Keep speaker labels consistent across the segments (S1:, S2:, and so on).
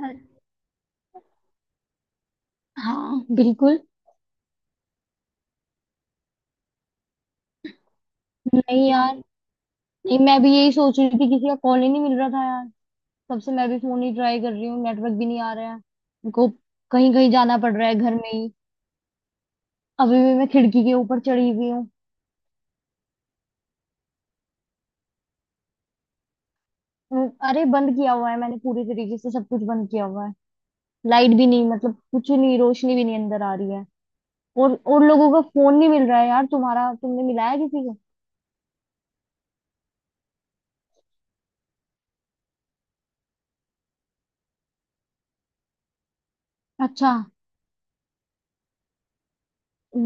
S1: अरे। हाँ बिल्कुल। नहीं यार। नहीं, मैं भी यही सोच रही थी, किसी का कॉल ही नहीं मिल रहा था यार। तब से मैं भी फोन ही ट्राई कर रही हूँ, नेटवर्क भी नहीं आ रहा है मेरे को। कहीं कहीं जाना पड़ रहा है घर में ही। अभी भी मैं खिड़की के ऊपर चढ़ी हुई हूँ। हम्म। अरे बंद किया हुआ है, मैंने पूरी तरीके से सब कुछ बंद किया हुआ है। लाइट भी नहीं, मतलब कुछ नहीं, रोशनी भी नहीं अंदर आ रही है। और लोगों का फोन नहीं मिल रहा है यार। तुम्हारा, तुमने मिलाया किसी को? अच्छा।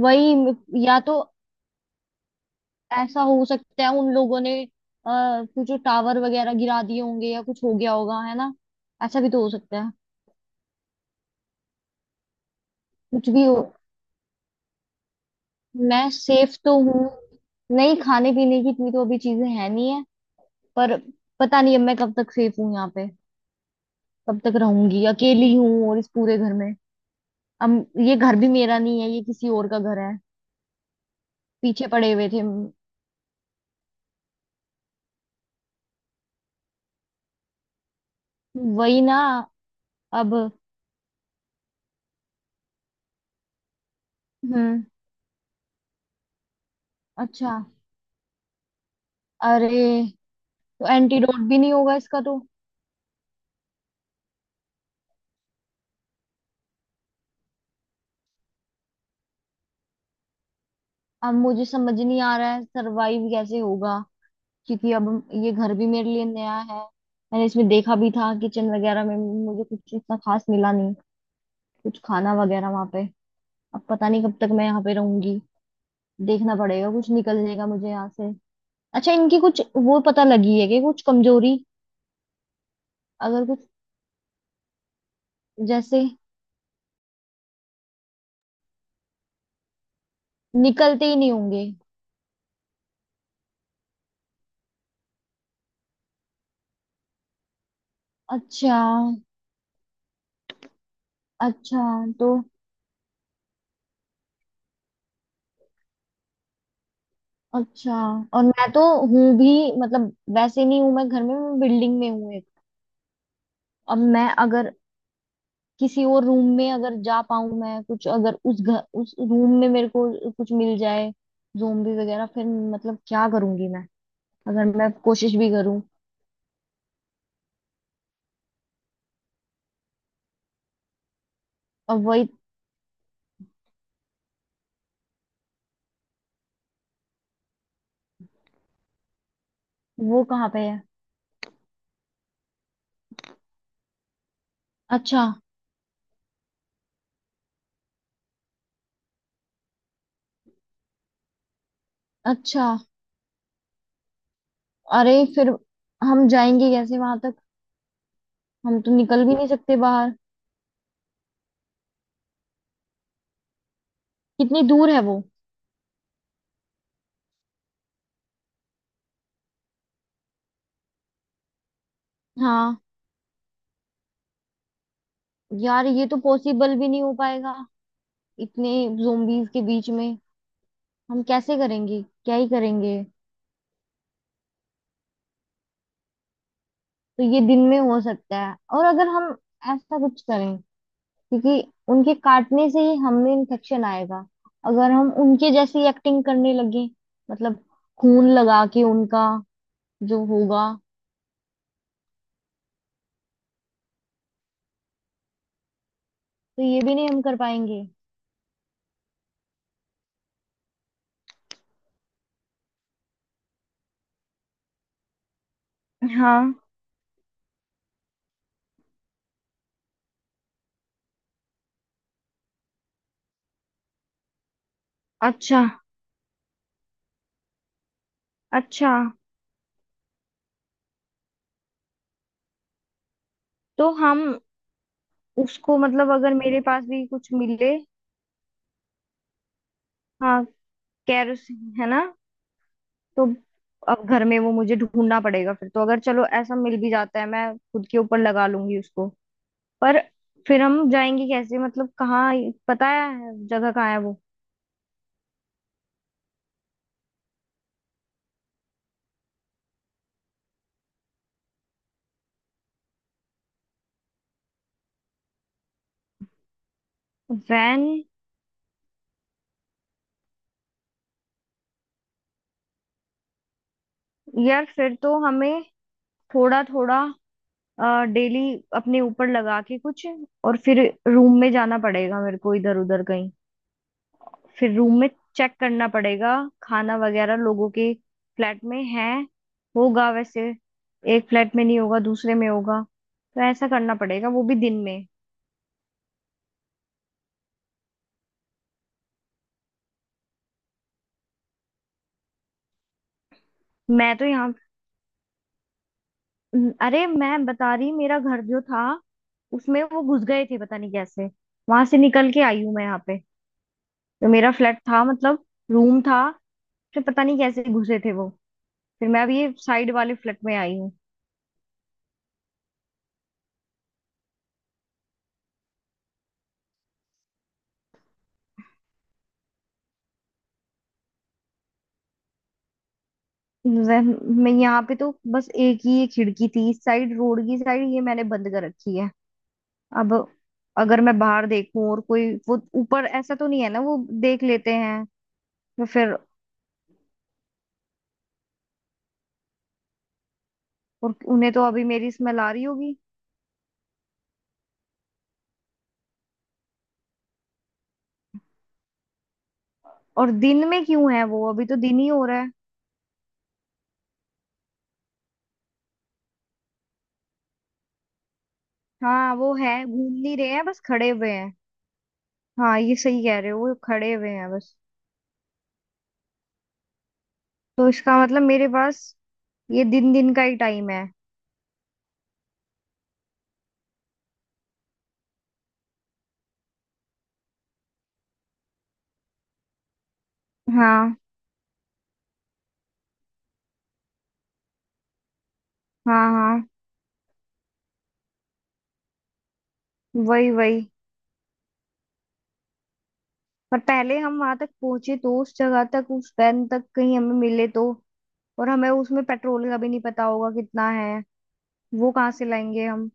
S1: वही या तो। ऐसा हो सकता है उन लोगों ने कुछ टावर वगैरह गिरा दिए होंगे या कुछ हो गया होगा, है ना? ऐसा भी तो हो सकता है। कुछ भी हो, मैं सेफ तो हूँ। नहीं, खाने पीने की इतनी तो अभी चीजें है नहीं है। पर पता नहीं अब मैं कब तक सेफ हूँ यहाँ पे, कब तक रहूंगी, अकेली हूँ और इस पूरे घर में। अब ये घर भी मेरा नहीं है, ये किसी और का घर है। पीछे पड़े हुए थे। वही ना। अब। हम्म। अच्छा। अरे, तो एंटीडोट भी नहीं होगा इसका तो? अब मुझे समझ नहीं आ रहा है सरवाइव कैसे होगा, क्योंकि अब ये घर भी मेरे लिए नया है। मैंने इसमें देखा भी था, किचन वगैरह में मुझे कुछ इतना खास मिला नहीं, कुछ खाना वगैरह वहां पे। अब पता नहीं कब तक मैं यहाँ पे रहूंगी। देखना पड़ेगा, कुछ निकल जाएगा मुझे यहाँ से। अच्छा, इनकी कुछ वो पता लगी है कि कुछ कमजोरी? अगर कुछ, जैसे। निकलते ही नहीं होंगे। अच्छा। अच्छा। तो। अच्छा। और मैं तो हूँ भी, मतलब वैसे नहीं हूँ मैं घर में, मैं बिल्डिंग में हूँ। अब मैं अगर किसी और रूम में अगर जा पाऊं, मैं कुछ, अगर उस घर उस रूम में मेरे को कुछ मिल जाए। ज़ोंबी वगैरह फिर। मतलब क्या करूंगी मैं? अगर मैं कोशिश भी करूं। और वही। वो कहाँ पे है? अच्छा। अच्छा। अरे, फिर हम जाएंगे कैसे वहां तक? हम तो निकल भी नहीं सकते बाहर। कितनी दूर है वो? हाँ यार, ये तो पॉसिबल भी नहीं हो पाएगा, इतने ज़ोंबीज के बीच में। हम कैसे करेंगे, क्या ही करेंगे? तो ये दिन में हो सकता है, और अगर हम ऐसा कुछ करें, क्योंकि उनके काटने से ही हमें इन्फेक्शन आएगा। अगर हम उनके जैसी एक्टिंग करने लगे, मतलब खून लगा के उनका, जो होगा। तो ये भी नहीं हम कर पाएंगे। हाँ। अच्छा। अच्छा। तो हम उसको, मतलब अगर मेरे पास भी कुछ मिले। हाँ, केरोसिन, है ना? तो अब घर में वो मुझे ढूंढना पड़ेगा फिर। तो अगर चलो ऐसा मिल भी जाता है, मैं खुद के ऊपर लगा लूंगी उसको, पर फिर हम जाएंगे कैसे, मतलब कहाँ? पता है जगह कहाँ है वो? वैन। यार फिर तो हमें थोड़ा थोड़ा डेली अपने ऊपर लगा के कुछ, और फिर रूम में जाना पड़ेगा मेरे को इधर उधर कहीं। फिर रूम में चेक करना पड़ेगा, खाना वगैरह लोगों के फ्लैट में है, होगा वैसे। एक फ्लैट में नहीं होगा, दूसरे में होगा। तो ऐसा करना पड़ेगा वो भी दिन में। मैं तो यहाँ। अरे मैं बता रही, मेरा घर जो था, उसमें वो घुस गए थे, पता नहीं कैसे। वहां से निकल के आई हूँ मैं यहाँ पे। तो मेरा फ्लैट था, मतलब रूम था। फिर पता नहीं कैसे घुसे थे वो। फिर मैं अभी ये साइड वाले फ्लैट में आई हूँ। वह- मैं यहाँ पे तो बस एक ही एक खिड़की थी, इस साइड रोड की साइड, ये मैंने बंद कर रखी है। अब अगर मैं बाहर देखूं, और कोई वो ऊपर ऐसा तो नहीं है ना, वो देख लेते हैं? तो फिर। और उन्हें तो अभी मेरी स्मेल आ रही होगी। और दिन में क्यों है वो, अभी तो दिन ही हो रहा है। हाँ वो है, घूम नहीं रहे हैं, बस खड़े हुए हैं। हाँ ये सही कह रहे हो, वो खड़े हुए हैं बस। तो इसका मतलब मेरे पास ये दिन दिन का ही टाइम है। हाँ। हाँ। हाँ। वही वही। पर पहले हम वहां तक पहुंचे तो, उस जगह तक, उस वैन तक कहीं हमें मिले तो। और हमें उसमें पेट्रोल का भी नहीं पता होगा कितना है। वो कहाँ से लाएंगे हम?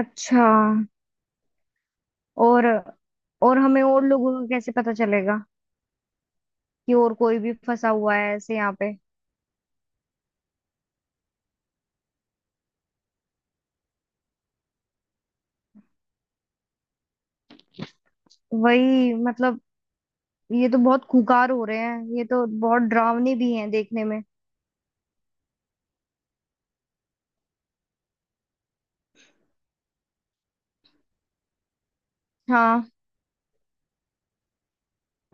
S1: अच्छा। और और हमें और लोगों का कैसे पता चलेगा, कि और कोई भी फंसा हुआ है ऐसे यहाँ पे। वही मतलब, ये तो बहुत खुंखार हो रहे हैं, ये तो बहुत डरावने भी हैं देखने में। हाँ।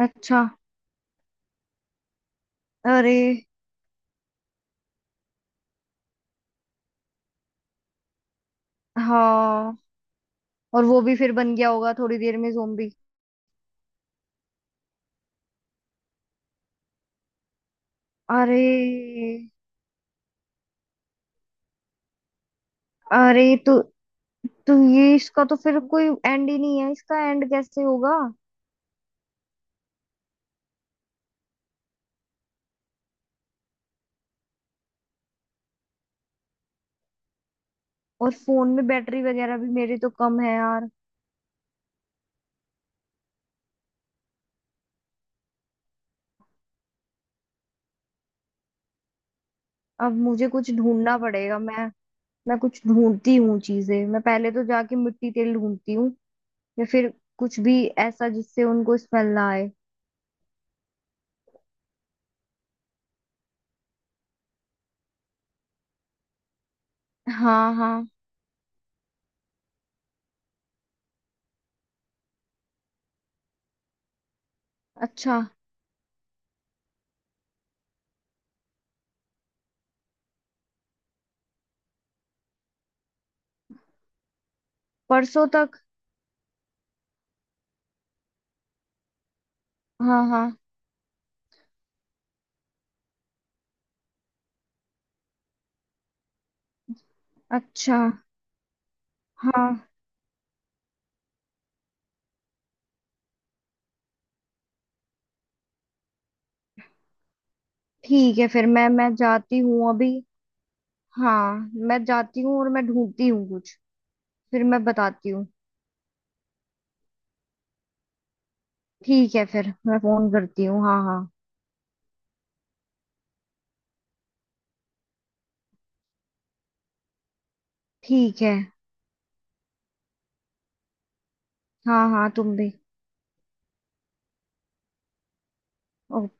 S1: अच्छा। अरे। हाँ, और वो भी फिर बन गया होगा थोड़ी देर में जोम्बी। अरे। अरे, तो। तो ये इसका तो फिर कोई एंड ही नहीं है, इसका एंड कैसे होगा? और फोन में बैटरी वगैरह भी मेरी तो कम है यार। अब मुझे कुछ ढूंढना पड़ेगा। मैं कुछ ढूंढती हूँ चीजें। मैं पहले तो जाके मिट्टी तेल ढूंढती हूँ, या फिर कुछ भी ऐसा जिससे उनको स्मेल ना आए। हाँ हाँ। अच्छा। परसों तक? हाँ हाँ। अच्छा। हाँ। ठीक है फिर। मैं जाती हूँ अभी। हाँ। मैं जाती हूँ और मैं ढूंढती हूँ कुछ। फिर मैं बताती हूँ। ठीक है फिर, मैं फोन करती हूँ। हाँ हाँ। ठीक है। हाँ हाँ तुम भी। ओके।